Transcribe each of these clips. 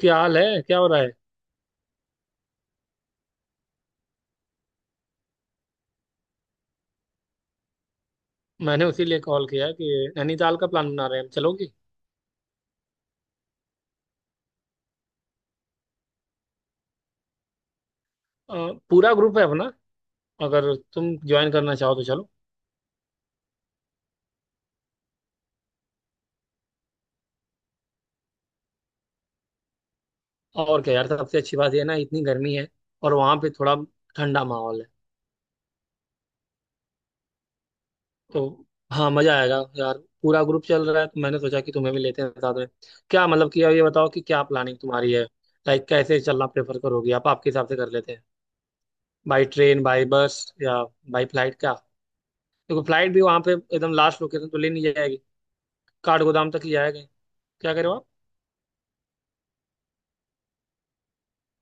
क्या हाल है, क्या हो रहा है? मैंने उसी लिए कॉल किया कि नैनीताल का प्लान बना रहे हैं हम, चलोगी? अ, पूरा ग्रुप है अपना, अगर तुम ज्वाइन करना चाहो तो चलो। और क्या यार, सबसे अच्छी बात ये है ना, इतनी गर्मी है और वहाँ पे थोड़ा ठंडा माहौल है। तो हाँ, मजा आएगा यार। पूरा ग्रुप चल रहा है, तो मैंने सोचा कि तुम्हें भी लेते हैं साथ में। क्या मतलब कि अब ये बताओ कि क्या प्लानिंग तुम्हारी है, लाइक कैसे चलना प्रेफर करोगी आप? आपके हिसाब से कर लेते हैं। बाई ट्रेन, बाई बस या बाई फ्लाइट, क्या? देखो, फ्लाइट भी वहाँ पे एकदम लास्ट लोकेशन तो ले नहीं जाएगी, काठगोदाम तक ही जाएगा। क्या करे हो आप?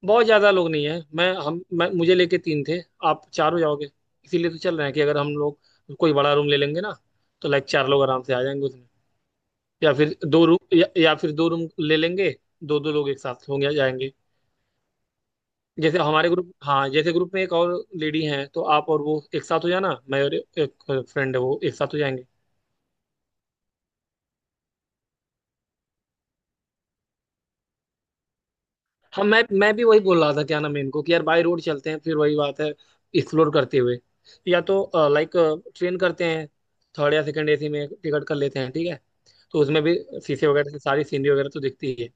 बहुत ज्यादा लोग नहीं है, मैं हम मैं मुझे लेके तीन थे, आप चार हो जाओगे। इसीलिए तो चल रहे हैं कि अगर हम लोग कोई बड़ा रूम ले लेंगे ना, तो लाइक चार लोग आराम से आ जाएंगे उसमें। या फिर दो रूम, या फिर दो रूम ले लेंगे, दो दो लोग एक साथ होंगे या जाएंगे। जैसे हमारे ग्रुप, हाँ जैसे ग्रुप में एक और लेडी हैं, तो आप और वो एक साथ हो जाना, मैं और एक फ्रेंड है वो एक साथ हो जाएंगे। हाँ, मैं भी वही बोल रहा था क्या नाम है इनको, कि यार बाई रोड चलते हैं, फिर वही बात है, एक्सप्लोर करते हुए। या तो लाइक ट्रेन करते हैं, थर्ड या सेकंड एसी में टिकट कर लेते हैं, ठीक है? तो उसमें भी शीशे वगैरह से सारी सीनरी वगैरह तो दिखती ही है।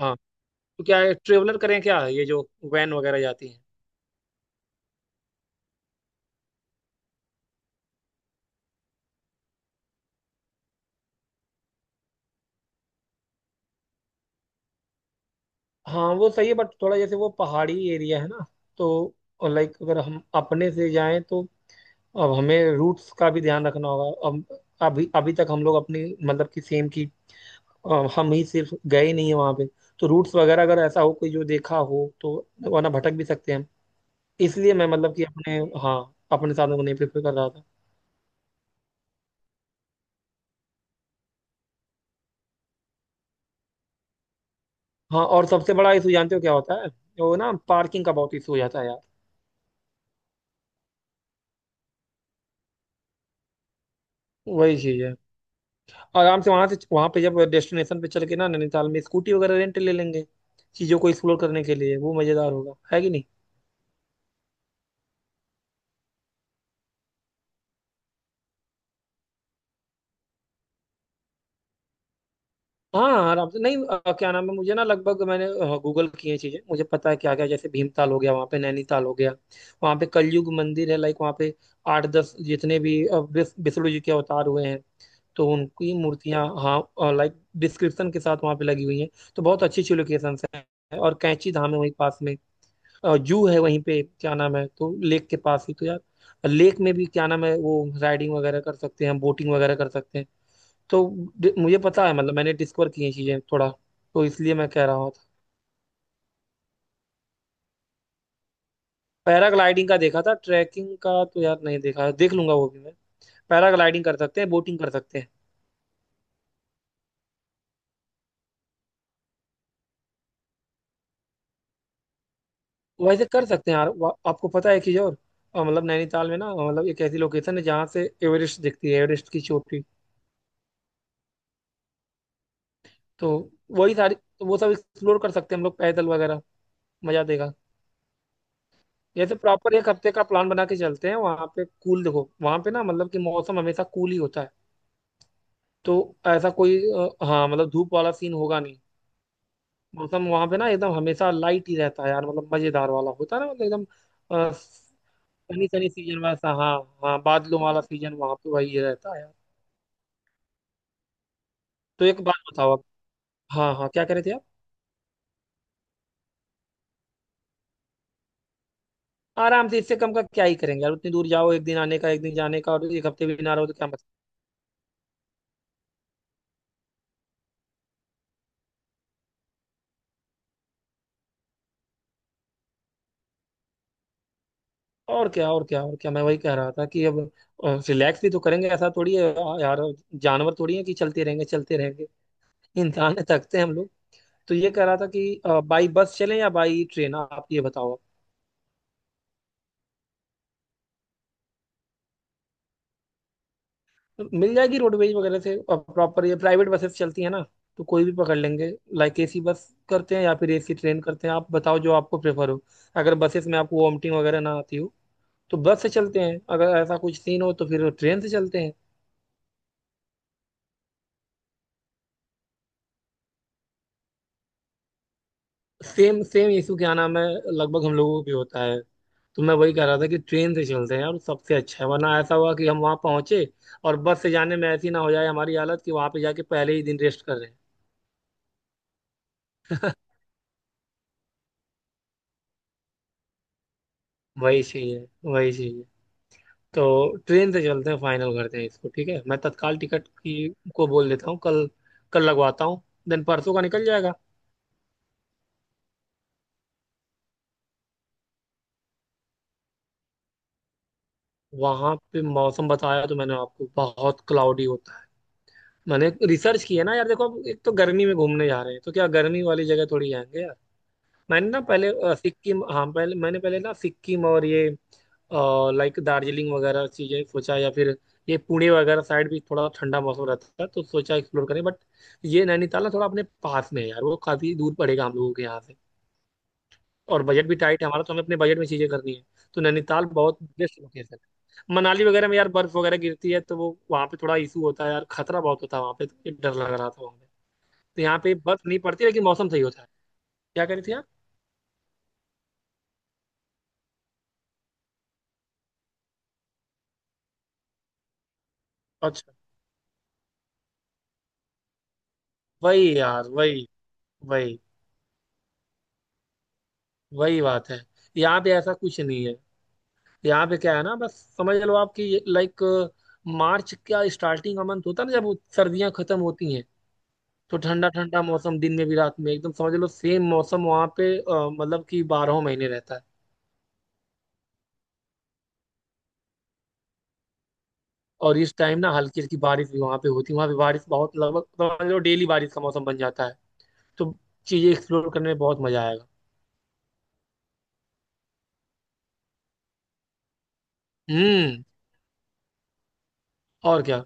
हाँ, तो क्या है, ट्रेवलर करें क्या, ये जो वैन वगैरह जाती है? हाँ वो सही है, बट थोड़ा जैसे वो पहाड़ी एरिया है ना, तो लाइक अगर हम अपने से जाएं तो अब हमें रूट्स का भी ध्यान रखना होगा। अब अभी अभी तक हम लोग अपनी, मतलब कि सेम की, हम ही सिर्फ गए नहीं है वहां पे, तो रूट्स वगैरह अगर ऐसा हो कोई जो देखा हो तो, वरना भटक भी सकते हैं हम। इसलिए मैं मतलब कि अपने, हाँ, अपने साधन को नहीं प्रेफर कर रहा था। हाँ और सबसे बड़ा इशू जानते हो क्या होता है? वो ना, पार्किंग का बहुत इशू हो जाता है यार। वही चीज है, आराम से वहां से, वहां पे जब डेस्टिनेशन पे चल के ना, नैनीताल में स्कूटी वगैरह रेंट ले लेंगे चीजों को एक्सप्लोर करने के लिए, वो मजेदार होगा है कि नहीं? हाँ हाँ, आराम से। नहीं क्या नाम है, मुझे ना लगभग मैंने गूगल की है चीजें, मुझे पता है क्या क्या। जैसे भीमताल हो गया, वहाँ पे नैनीताल हो गया, वहाँ पे कलयुग मंदिर है, लाइक वहाँ पे आठ दस जितने भी विष्णु जी के अवतार हुए हैं तो उनकी मूर्तियाँ, हाँ लाइक डिस्क्रिप्शन के साथ वहाँ पे लगी हुई हैं, तो बहुत अच्छी अच्छी लोकेशन है। और कैंची धाम है वहीं पास में, जू है वहीं पे, क्या नाम है, तो लेक के पास ही तो यार। लेक में भी क्या नाम है, वो राइडिंग वगैरह कर सकते हैं, बोटिंग वगैरह कर सकते हैं। तो मुझे पता है, मतलब मैंने डिस्कवर की हैं चीजें थोड़ा, तो इसलिए मैं कह रहा हूँ। पैराग्लाइडिंग का देखा था, ट्रैकिंग का तो यार नहीं देखा है, देख लूंगा वो भी मैं। पैराग्लाइडिंग कर सकते हैं, बोटिंग कर सकते हैं, वैसे कर सकते हैं यार। आपको पता है कि और मतलब नैनीताल में ना, मतलब एक ऐसी लोकेशन है जहाँ से एवरेस्ट दिखती है, एवरेस्ट की चोटी। तो वही सारी, तो वो सब एक्सप्लोर कर सकते हैं हम लोग, पैदल वगैरह, मजा देगा। जैसे प्रॉपर एक हफ्ते का प्लान बना के चलते हैं। वहां पे कूल, देखो वहां पे ना मतलब कि मौसम हमेशा कूल ही होता है। तो ऐसा कोई हाँ मतलब धूप वाला सीन होगा नहीं। मौसम वहां पे ना एकदम हमेशा लाइट ही रहता है यार, मतलब मजेदार वाला होता है ना, मतलब एकदम सनी सनी सीजन वैसा, हाँ। हाँ, बादलों वाला सीजन वहां पे वही रहता है यार। तो एक बात बताओ आप। हाँ हाँ, क्या कह रहे थे आप? आराम से, इससे कम का क्या ही करेंगे यार। उतनी दूर जाओ, एक दिन आने का, एक दिन जाने का, और एक हफ्ते भी ना रहो तो क्या मतलब। और क्या, मैं वही कह रहा था कि अब रिलैक्स भी तो करेंगे, ऐसा थोड़ी है यार, जानवर थोड़ी है कि चलते रहेंगे चलते रहेंगे। इंसान है, थकते हैं हम लोग। तो ये कह रहा था कि बाई बस चलें या बाई ट्रेन, आप ये बताओ। तो मिल जाएगी रोडवेज वगैरह से प्रॉपर, ये प्राइवेट बसेस चलती है ना, तो कोई भी पकड़ लेंगे। लाइक एसी बस करते हैं या फिर एसी ट्रेन करते हैं, आप बताओ जो आपको प्रेफर हो। अगर बसेस में आपको वॉमिटिंग वगैरह ना आती हो तो बस से चलते हैं, अगर ऐसा कुछ सीन हो तो फिर ट्रेन से चलते हैं। सेम सेम इशू क्या नाम है, लगभग हम लोगों को भी होता है। तो मैं वही कह रहा था कि ट्रेन से चलते हैं यार, सबसे अच्छा है, वरना ऐसा हुआ कि हम वहां पहुंचे और बस से जाने में ऐसी ना हो जाए हमारी हालत कि वहां पे जाके पहले ही दिन रेस्ट कर रहे हैं। वही चाहिए, वही चाहिए। तो ट्रेन से चलते हैं, फाइनल करते हैं इसको, ठीक है। मैं तत्काल टिकट की को बोल देता हूँ, कल, कल लगवाता हूँ, देन परसों का निकल जाएगा। वहां पे मौसम, बताया तो मैंने आपको, बहुत क्लाउडी होता है। मैंने रिसर्च किया ना यार, देखो अब एक तो गर्मी में घूमने जा रहे हैं, तो क्या गर्मी वाली जगह थोड़ी जाएंगे यार। मैंने ना पहले सिक्किम, हाँ पहले मैंने, पहले ना सिक्किम और ये लाइक दार्जिलिंग वगैरह चीजें सोचा, या फिर ये पुणे वगैरह साइड भी थोड़ा ठंडा मौसम रहता है तो सोचा एक्सप्लोर करें, बट ये नैनीताल ना थोड़ा अपने पास में है यार, वो काफी दूर पड़ेगा हम लोगों के यहाँ से। और बजट भी टाइट है हमारा, तो हमें अपने बजट में चीजें करनी है। तो नैनीताल बहुत बेस्ट लोकेशन है। मनाली वगैरह में यार बर्फ वगैरह गिरती है, तो वो वहाँ पे थोड़ा इशू होता है यार, खतरा बहुत होता है वहाँ पे, तो ये डर लग रहा था वहाँ पे। तो यहाँ पे बर्फ नहीं पड़ती, लेकिन मौसम सही होता है। क्या कह रही थी आप? अच्छा, वही यार वही वही वही बात है। यहाँ पे ऐसा कुछ नहीं है, यहाँ पे क्या है ना, बस समझ लो आपकी, लाइक मार्च का स्टार्टिंग का मंथ होता है ना जब सर्दियां खत्म होती हैं, तो ठंडा ठंडा मौसम, दिन में भी रात में एकदम, समझ लो सेम मौसम वहाँ पे मतलब कि 12 महीने रहता है। और इस टाइम ना हल्की हल्की बारिश भी वहाँ पे होती है, वहाँ पे बारिश बहुत, लगभग समझ लो डेली बारिश का मौसम बन जाता है। तो चीजें एक्सप्लोर करने में बहुत मजा आएगा। हम्म, और क्या।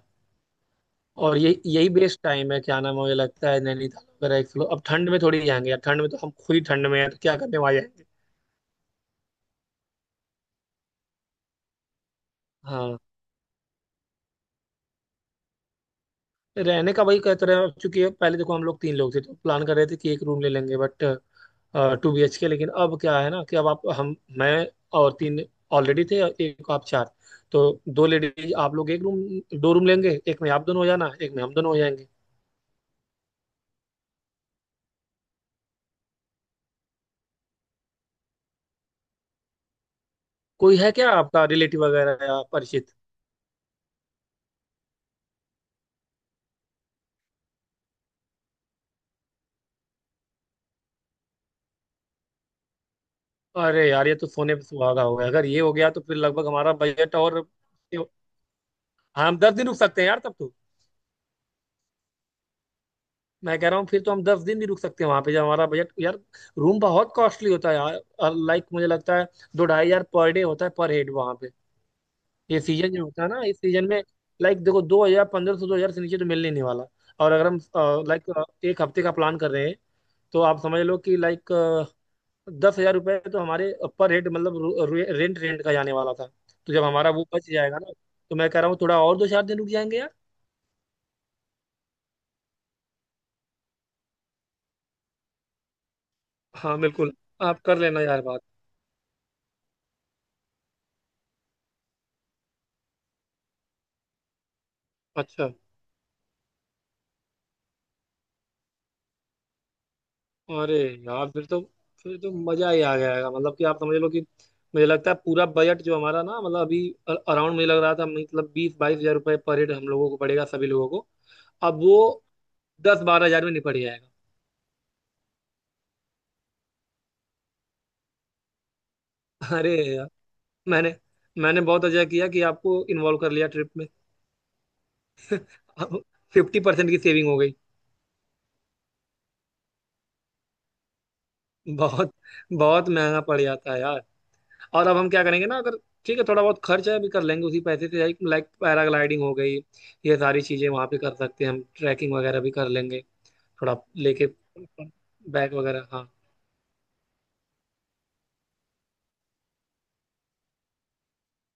और ये यही बेस्ट टाइम है, क्या नाम है, मुझे लगता है नैनीताल वगैरह एक फ्लो। अब ठंड में थोड़ी जाएंगे यार, ठंड में तो हम खुद ही ठंड में हैं, तो क्या करने वहाँ जाएंगे। हाँ। रहने का वही कहते रहे, अब चूंकि पहले देखो हम लोग तीन लोग थे, तो प्लान कर रहे थे कि एक रूम ले लेंगे, but two B H K. लेकिन अब क्या है ना, कि अब आप, हम, मैं और तीन ऑलरेडी थे और एक आप, चार। तो दो लेडीज आप लोग एक रूम, दो रूम लेंगे, एक में आप दोनों हो जाना, एक में हम दोनों हो जाएंगे। कोई है क्या आपका रिलेटिव वगैरह या परिचित? अरे यार, ये तो सोने पे सुहागा हो गया, अगर ये हो गया तो फिर लगभग हमारा बजट, और हाँ, हम 10 दिन रुक सकते हैं यार तब तो। मैं कह रहा हूँ फिर तो हम 10 दिन भी रुक सकते हैं वहां पे, जब हमारा बजट यार। रूम बहुत कॉस्टली होता है यार, लाइक मुझे लगता है दो ढाई हजार पर डे होता है पर हेड वहां पे, ये सीजन जो होता है ना, इस सीजन में। लाइक देखो दो हजार, पंद्रह सौ दो हजार से नीचे तो मिलने ही नहीं वाला। और अगर हम लाइक एक हफ्ते का प्लान कर रहे हैं, तो आप समझ लो कि लाइक 10,000 रुपये तो हमारे पर हेड, मतलब रू- रे, रेंट रेंट का जाने वाला था। तो जब हमारा वो बच जाएगा ना, तो मैं कह रहा हूँ थोड़ा और दो चार दिन रुक जाएंगे यार। हाँ बिल्कुल, आप कर लेना यार बात। अच्छा, अरे यार, फिर तो मजा ही आ जाएगा। मतलब कि आप समझ लो कि मुझे लगता है पूरा बजट जो हमारा ना, मतलब अभी अराउंड मुझे लग रहा था, मतलब बीस बाईस हजार रुपये पर हेड हम लोगों को पड़ेगा सभी लोगों को। अब वो दस बारह हजार में निपट जाएगा। अरे यार, मैंने मैंने बहुत अच्छा किया कि आपको इन्वॉल्व कर लिया ट्रिप। अब 50% की सेविंग हो गई। बहुत, बहुत महंगा पड़ जाता है यार। और अब हम क्या करेंगे ना, अगर ठीक है थोड़ा बहुत खर्च है भी कर लेंगे उसी पैसे से, लाइक लाइक पैराग्लाइडिंग हो गई, ये सारी चीजें वहां पे कर सकते हैं हम, ट्रैकिंग वगैरह भी कर लेंगे। थोड़ा लेके बैग वगैरह, हाँ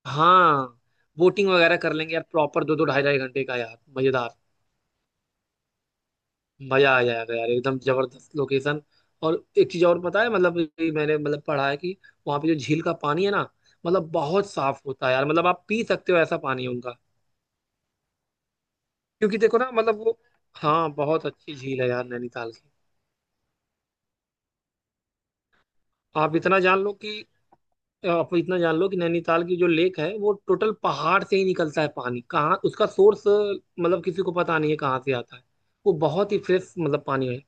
हाँ। बोटिंग वगैरह कर लेंगे यार, प्रॉपर दो दो ढाई ढाई घंटे का यार, मजेदार, मजा आ जाएगा यार एकदम जबरदस्त लोकेशन। और एक चीज और पता है, मतलब ये मैंने, मतलब पढ़ा है कि वहां पे जो झील का पानी है ना, मतलब बहुत साफ होता है यार, मतलब आप पी सकते हो ऐसा पानी है उनका। क्योंकि देखो ना मतलब वो, हाँ बहुत अच्छी झील है यार नैनीताल की। आप इतना जान लो कि, आप इतना जान लो कि नैनीताल की जो लेक है, वो टोटल पहाड़ से ही निकलता है पानी, कहाँ उसका सोर्स मतलब किसी को पता नहीं है, कहाँ से आता है। वो बहुत ही फ्रेश मतलब पानी है।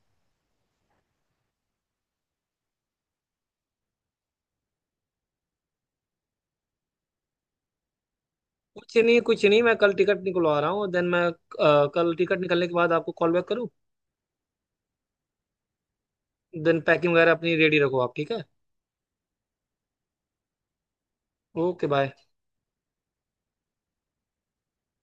कुछ नहीं कुछ नहीं, मैं कल टिकट निकलवा रहा हूँ, देन मैं कल टिकट निकलने के बाद आपको कॉल बैक करूँ। देन पैकिंग वगैरह अपनी रेडी रखो आप, ठीक है। Okay, bye.